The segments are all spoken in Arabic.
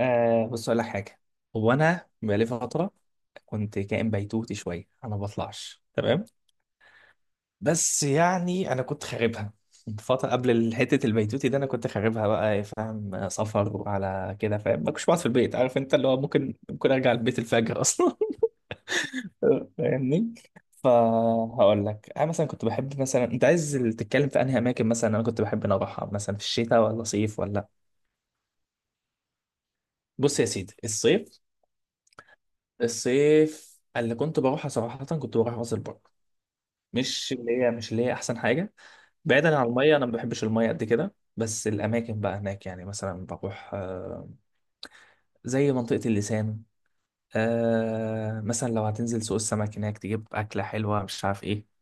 آه، بص اقول لك حاجه. هو انا بقالي فتره كنت كائن بيتوتي شويه، انا ما بطلعش. تمام. بس يعني انا كنت خاربها فتره قبل حته البيتوتي ده. انا كنت خاربها بقى إيه، فاهم سفر وعلى كده، فاهم ما كنتش بقعد في البيت، عارف انت اللي هو ممكن ارجع البيت الفجر اصلا. فاهمني. فهقول لك انا مثلا كنت بحب، مثلا انت عايز تتكلم في انهي اماكن، مثلا انا كنت بحب ان أنا اروحها مثلا في الشتاء ولا صيف ولا؟ بص يا سيدي، الصيف. الصيف اللي كنت بروحها صراحة كنت بروح راس البر. مش اللي هي أحسن حاجة. بعيدا عن المية، أنا ما بحبش المية قد كده، بس الأماكن بقى هناك يعني مثلا بروح زي منطقة اللسان. مثلا لو هتنزل سوق السمك هناك تجيب أكلة حلوة مش عارف إيه.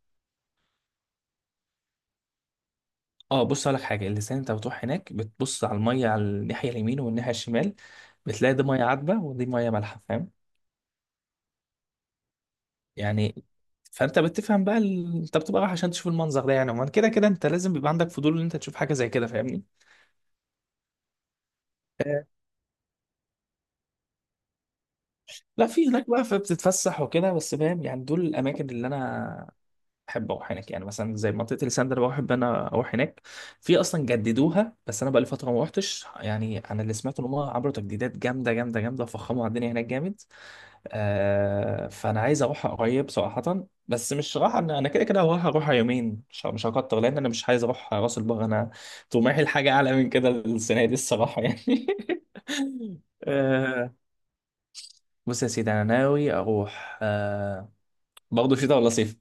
اه، بص لك حاجة. اللسان أنت بتروح هناك بتبص على المية، على الناحية اليمين والناحية الشمال. بتلاقي دي مية عذبة ودي مية مالحة، فاهم؟ يعني فانت بتفهم بقى انت بتبقى رايح عشان تشوف المنظر ده. يعني عموما كده كده انت لازم بيبقى عندك فضول ان انت تشوف حاجه زي كده، فاهمني؟ آه، لا في هناك بقى فبتتفسح وكده، بس فاهم يعني دول الاماكن اللي انا بحب اروح هناك. يعني مثلا زي منطقه اليسان ده انا بحب انا اروح هناك. في اصلا جددوها بس انا بقى لي فتره ما روحتش. يعني انا اللي سمعت ان هم عملوا تجديدات جامده جامده جامده وفخموا على الدنيا هناك جامد. آه فانا عايز اروح قريب صراحه. بس مش راح، انا كده كده اروح يومين، مش هكتر. لان انا مش عايز اروح راس البر، انا طموحي لحاجه اعلى من كده السنه دي الصراحه يعني. آه، بص يا سيدي انا ناوي اروح برضه شتاء ولا صيف؟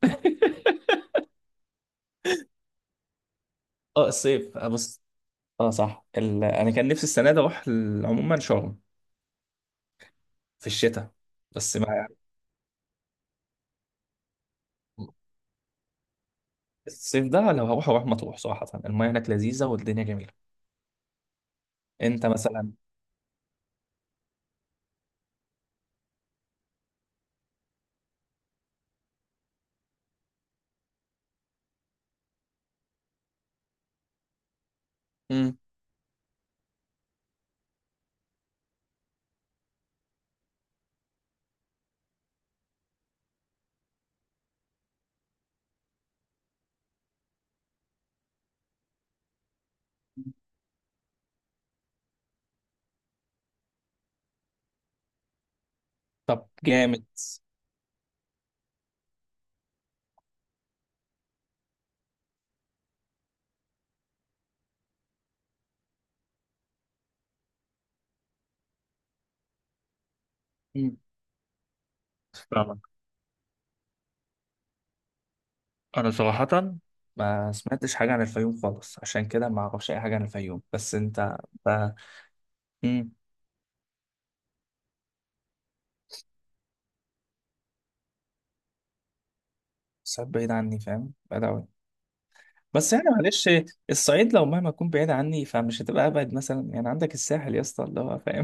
اه، الصيف. بص. اه صح. انا كان نفسي السنه دي اروح عموما شرم في الشتاء. بس ما. الصيف ده لو هروح، اروح مطروح صراحه. المياه هناك لذيذه والدنيا جميله. انت مثلا. طب جامد. مم. فاهمك. انا صراحة ما سمعتش حاجة عن الفيوم خالص، عشان كده ما اعرفش اي حاجة عن الفيوم. بس انت ب... مم. الصعيد بعيد عني، فاهم، بعيد قوي. بس يعني معلش، الصعيد لو مهما تكون بعيد عني فمش هتبقى ابعد. مثلا يعني عندك الساحل يا اسطى اللي هو فاهم.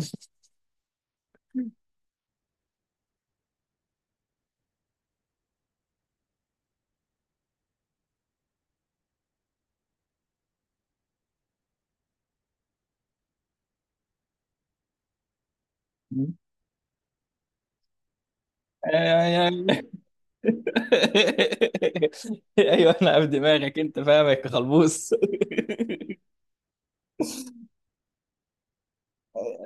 مم. يعني. ايوه، انا عارف دماغك، انت فاهمك يا خلبوس.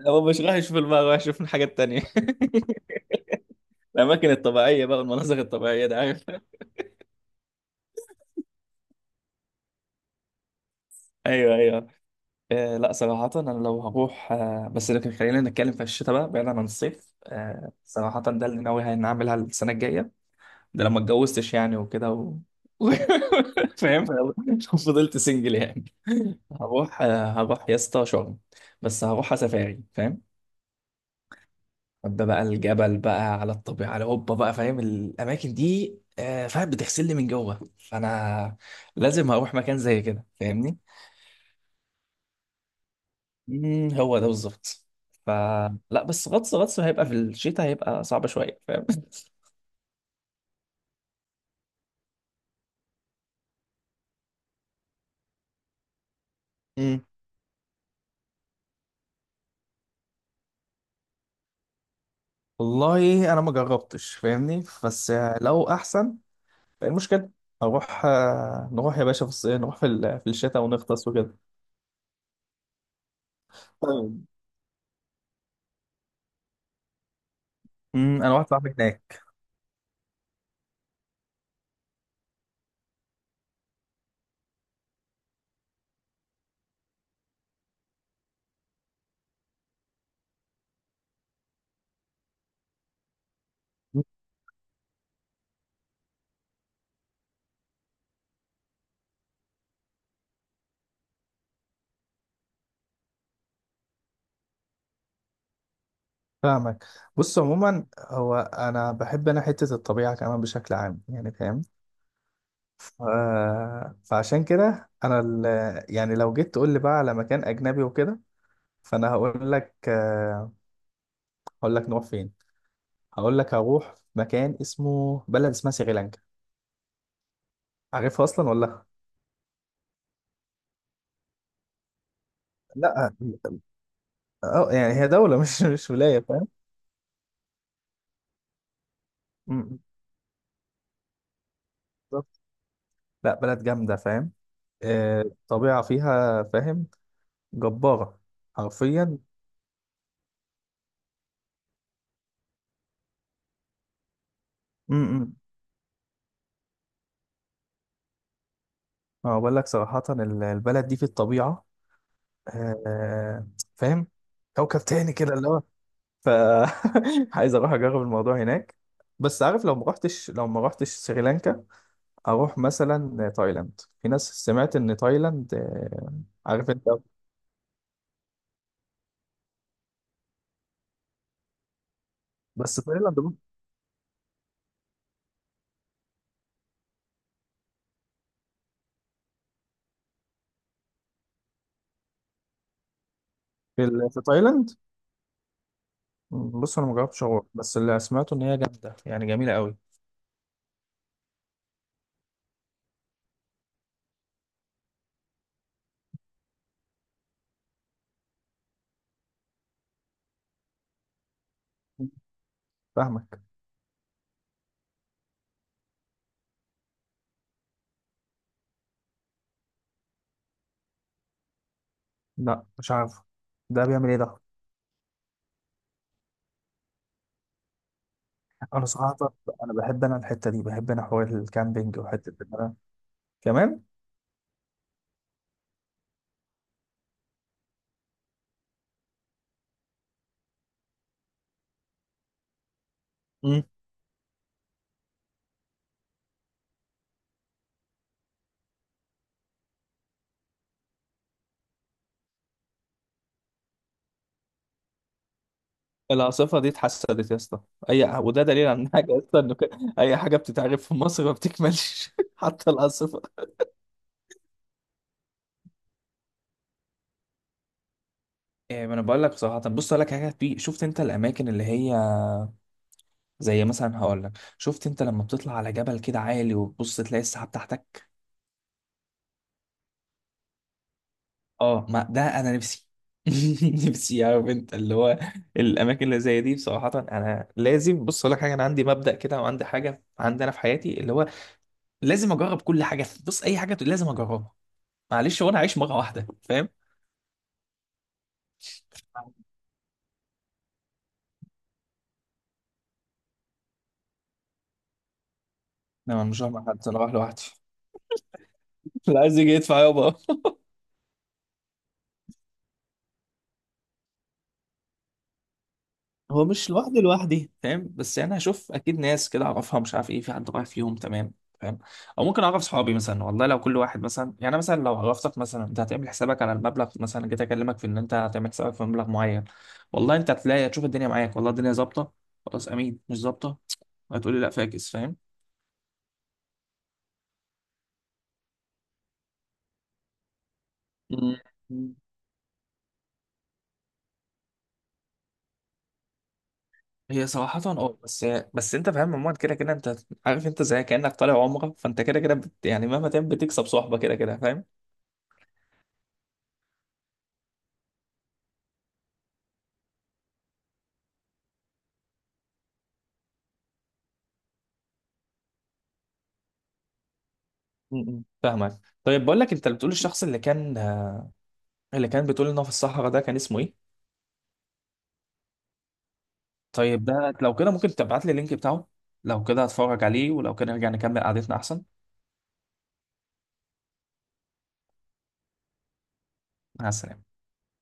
هو مش رايح يشوف المرة، رايح يشوف الحاجة التانية. الاماكن الطبيعيه بقى، المناظر الطبيعيه ده، عارف؟ ايوه، ايوه. آه، لا صراحه انا لو هروح بس لكن خلينا نتكلم في الشتاء بقى بعيدا عن الصيف. صراحه ده اللي ناوي هنعملها السنه الجايه. ده لما اتجوزتش يعني وكده فاهم فضلت سنجل يعني. هروح يا اسطى شرم. بس هروح سفاري، فاهم. ده بقى الجبل بقى على الطبيعه على هوبا بقى، فاهم؟ الاماكن دي فاهم بتغسلني من جوه، فانا لازم هروح مكان زي كده، فاهمني. مم، هو ده بالظبط. ف لا بس غطس هيبقى في الشتاء، هيبقى صعب شويه، فاهم. مم. والله انا ما جربتش فاهمني بس لو احسن. إيه المشكله؟ اروح نروح يا باشا في الصيف، نروح في في الشتاء ونغطس وكده. طيب. انا واحد صاحبي هناك. مم. فاهمك. بص عموما، هو انا بحب انا حته الطبيعه كمان بشكل عام يعني، فاهم. ف... فعشان كده انا يعني لو جيت تقول لي بقى على مكان اجنبي وكده، فانا هقول لك نروح فين. هقول لك هروح مكان بلد اسمها سريلانكا. عارفها اصلا ولا؟ لا. اه يعني هي دولة مش ولاية، فاهم. أمم، بالظبط. لا بلد جامدة، فاهم. الطبيعة فيها فاهم جبارة حرفيا. امم اه، بقول لك صراحة البلد دي في الطبيعة آه، فاهم كوكب تاني كده اللي هو. ف عايز اروح اجرب الموضوع هناك. بس عارف، لو ما رحتش سريلانكا، اروح مثلا تايلاند. في ناس سمعت ان تايلاند عارف انت. بس تايلاند في في تايلاند. بص انا ما جربتش اروح، بس اللي سمعته ان هي جامده يعني جميله قوي، فاهمك. لا مش عارف. ده بيعمل ايه ده؟ انا صراحه انا بحب انا الحته دي بحب انا حوار الكامبينج وحته كمان. مم. العاصفة دي اتحسدت يا اسطى. اي وده دليل عن حاجه، يا اسطى ان اي حاجه بتتعرف في مصر ما بتكملش حتى العاصفة. إيه، ما انا بقول لك بصراحه. طب بص اقول لك حاجه، في شفت انت الاماكن اللي هي زي مثلا، هقول لك، شفت انت لما بتطلع على جبل كده عالي وتبص تلاقي السحاب تحتك؟ اه، ما ده انا نفسي. نفسي، عارف انت اللي هو. الاماكن اللي زي دي بصراحه انا لازم. بص اقول لك حاجه، انا عندي مبدأ كده وعندي حاجه عندي انا في حياتي اللي هو لازم اجرب كل حاجه. بص اي حاجه لازم اجربها، معلش هو انا عايش مره واحده، فاهم. انا مش رايح مع حد، انا رايح لوحدي. لا، عايز يجي يدفع يابا. هو مش لوحدي لوحدي فاهم، بس يعني هشوف اكيد ناس كده اعرفها مش عارف ايه، في حد رايح فيهم تمام، فاهم. او ممكن اعرف صحابي مثلا والله، لو كل واحد مثلا يعني مثلا لو عرفتك مثلا انت هتعمل حسابك على المبلغ، مثلا جيت اكلمك في ان انت هتعمل حسابك في مبلغ معين. والله انت هتلاقي، هتشوف الدنيا معاك، والله الدنيا ظابطه. خلاص، امين مش ظابطه هتقولي لا فاكس، فاهم. مم. هي صراحة اه، بس انت فاهم عموما كده كده انت، عارف انت زي كأنك طالع عمرة فانت كده كده يعني مهما تعمل بتكسب صحبة كده كده، فاهم. م- م. فاهمك. طيب بقول لك، انت بتقول الشخص اللي كان بتقول ان هو في الصحراء ده كان اسمه ايه؟ طيب، ده لو كده ممكن تبعت لي اللينك بتاعه؟ لو كده هتفرج عليه، ولو كده نرجع نكمل قعدتنا احسن. مع السلامة.